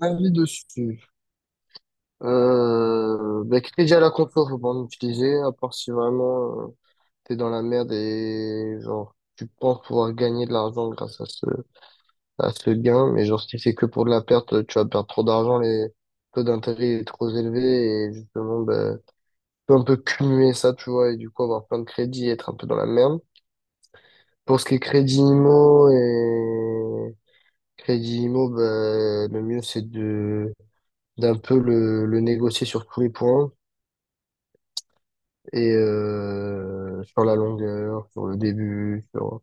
Avis dessus. Bah, crédit à la confiance, faut pas en utiliser, à part si vraiment t'es dans la merde et genre tu penses pouvoir gagner de l'argent grâce à ce gain, mais genre si c'est que pour de la perte, tu vas perdre trop d'argent, les taux d'intérêt est trop élevé et justement bah, tu peux un peu cumuler ça, tu vois, et du coup avoir plein de crédits et être un peu dans la merde. Pour ce qui est crédit IMO et crédit IMO, bah, le mieux c'est de d'un peu le négocier sur tous les points. Et sur la longueur, sur le début, sur,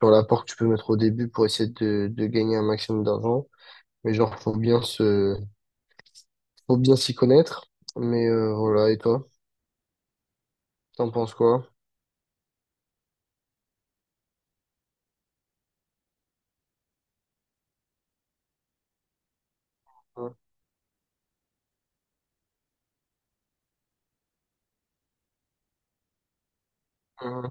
sur l'apport que tu peux mettre au début pour essayer de gagner un maximum d'argent. Mais genre, faut bien s'y connaître. Mais voilà, et toi, t'en penses quoi? Mhm,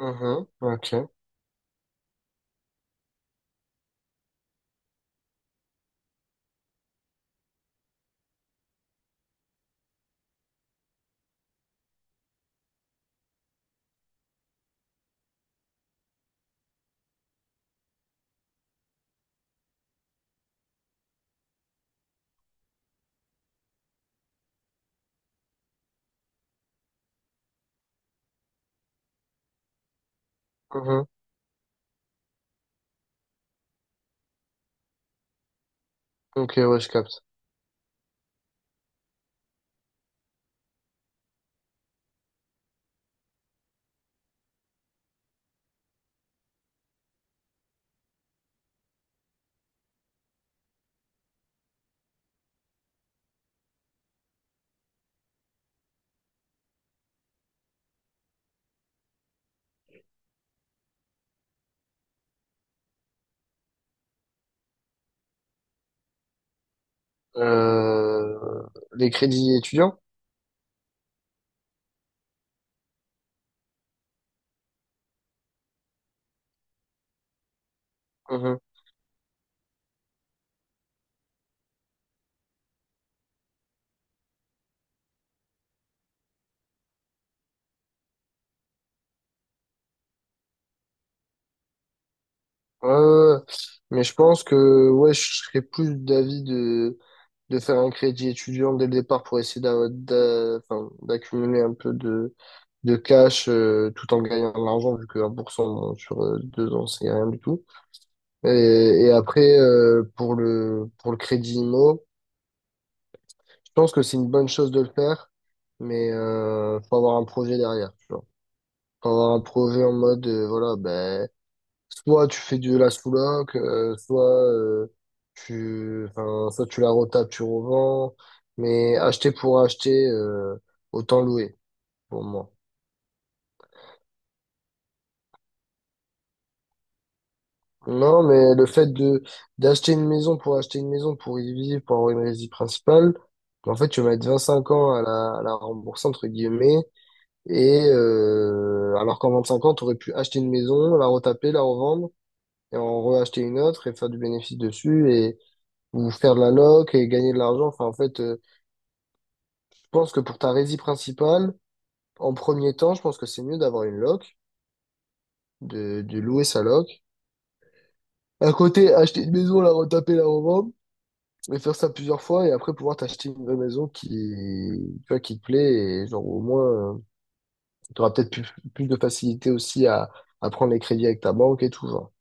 mhm, ok, mhm, ok, ouais, je capte. Euh, les crédits étudiants? Mhm. Ouais, ouais, ouais. Mais je pense que ouais, je serais plus d'avis de faire un crédit étudiant dès le départ pour essayer enfin, d'accumuler un peu de cash tout en gagnant de l'argent, vu que 1% sur 2 ans, c'est rien du tout. Et, et après, pour le, crédit IMO, je pense que c'est une bonne chose de le faire, mais faut avoir un projet derrière, tu vois. Faut avoir un projet en mode, voilà, ben soit tu fais de la sous-loc, enfin, soit tu la retapes, tu revends. Mais acheter pour acheter, autant louer, pour moi. Non, mais le fait de d'acheter une maison pour acheter une maison, pour y vivre, pour avoir une résidence principale, en fait, tu vas mettre 5 ans à la rembourser, entre guillemets. Et alors qu'en 25 ans, tu aurais pu acheter une maison, la retaper, la revendre, et en reacheter une autre et faire du bénéfice dessus. Ou faire de la loc et gagner de l'argent. Enfin, en fait, je pense que pour ta résie principale, en premier temps, je pense que c'est mieux d'avoir une loc, de louer sa loc. À côté, acheter une maison, la retaper, la revendre, et faire ça plusieurs fois, et après pouvoir t'acheter une vraie maison qui, tu vois, qui te plaît, et genre au moins, tu auras peut-être plus, de facilité aussi à prendre les crédits avec ta banque et tout, genre.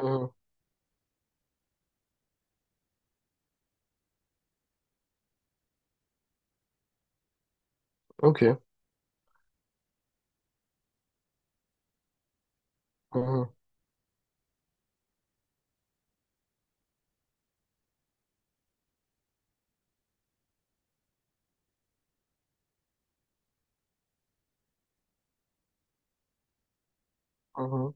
Mhm. Ok. Mhm. Mhm.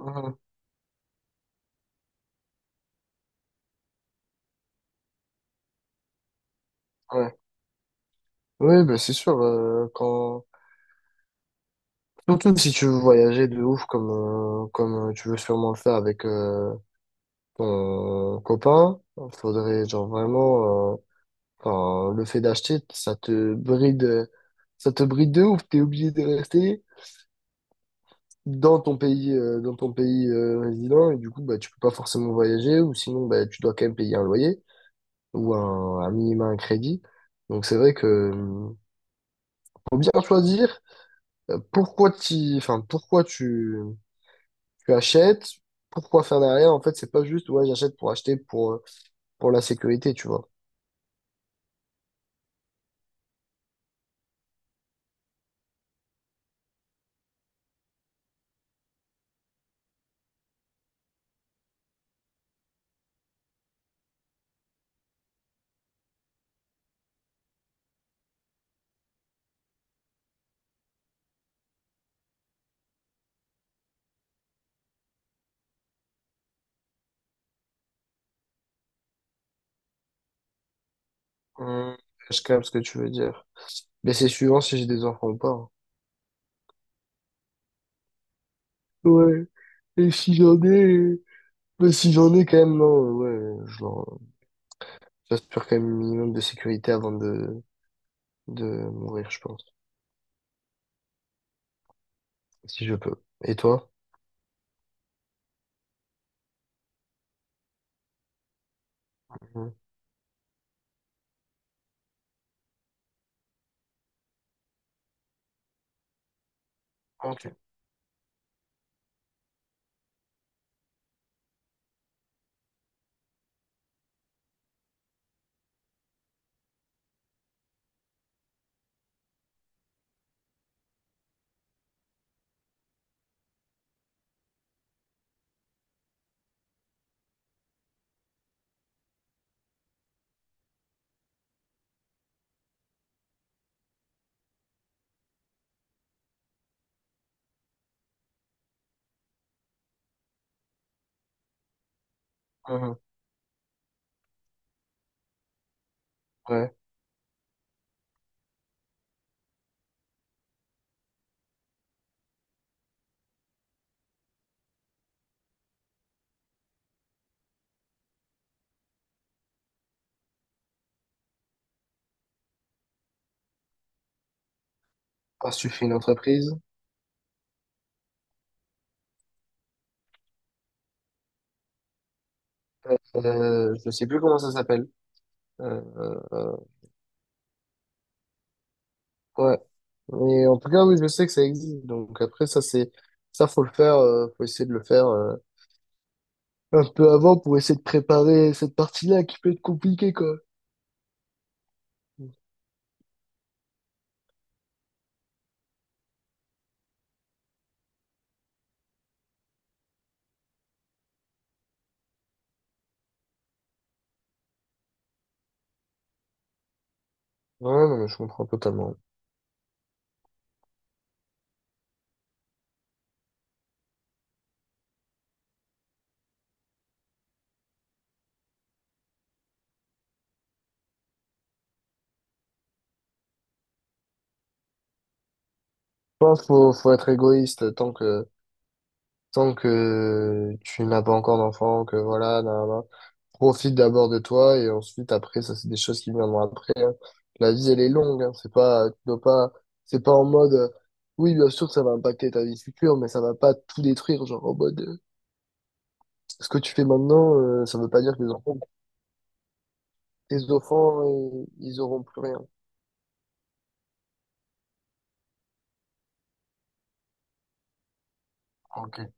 Mhm. Ouais. Oui, bah c'est sûr, surtout si tu veux voyager de ouf comme tu veux sûrement le faire avec ton copain, faudrait genre vraiment, enfin, le fait d'acheter, ça te bride de ouf, t'es obligé de rester dans ton pays résident, et du coup, bah, tu peux pas forcément voyager, ou sinon, bah, tu dois quand même payer un loyer, ou un minima un crédit. Donc c'est vrai que faut bien choisir enfin, pourquoi tu achètes. Pourquoi faire derrière? En fait, c'est pas juste, ouais, j'achète pour acheter pour la sécurité, tu vois. Hum, je capte ce que tu veux dire. Mais c'est suivant si j'ai des enfants ou pas, hein. Ouais. Et si j'en ai, bah, si j'en ai quand même, non, ouais, j'assure quand même un minimum de sécurité avant de mourir, je pense. Si je peux. Et toi? Mhm. Ok. Mhm. Ouais. Parce que tu fais une entreprise. Je sais plus comment ça s'appelle. Euh, euh, ouais. Mais en tout cas, oui, je sais que ça existe. Donc après, faut le faire, faut essayer de le faire, un peu avant pour essayer de préparer cette partie-là qui peut être compliquée, quoi. Ouais, non, mais je comprends totalement. Je pense qu'il faut être égoïste tant que tu n'as pas encore d'enfant, que voilà, nan, nan, nan. Profite d'abord de toi et ensuite après, ça c'est des choses qui viendront après, hein. La vie elle est longue, hein. C'est pas, tu dois pas, c'est pas en mode, oui bien sûr ça va impacter ta vie future, mais ça va pas tout détruire, genre en mode, ce que tu fais maintenant, ça veut pas dire que tes enfants, ils auront plus rien. Ok.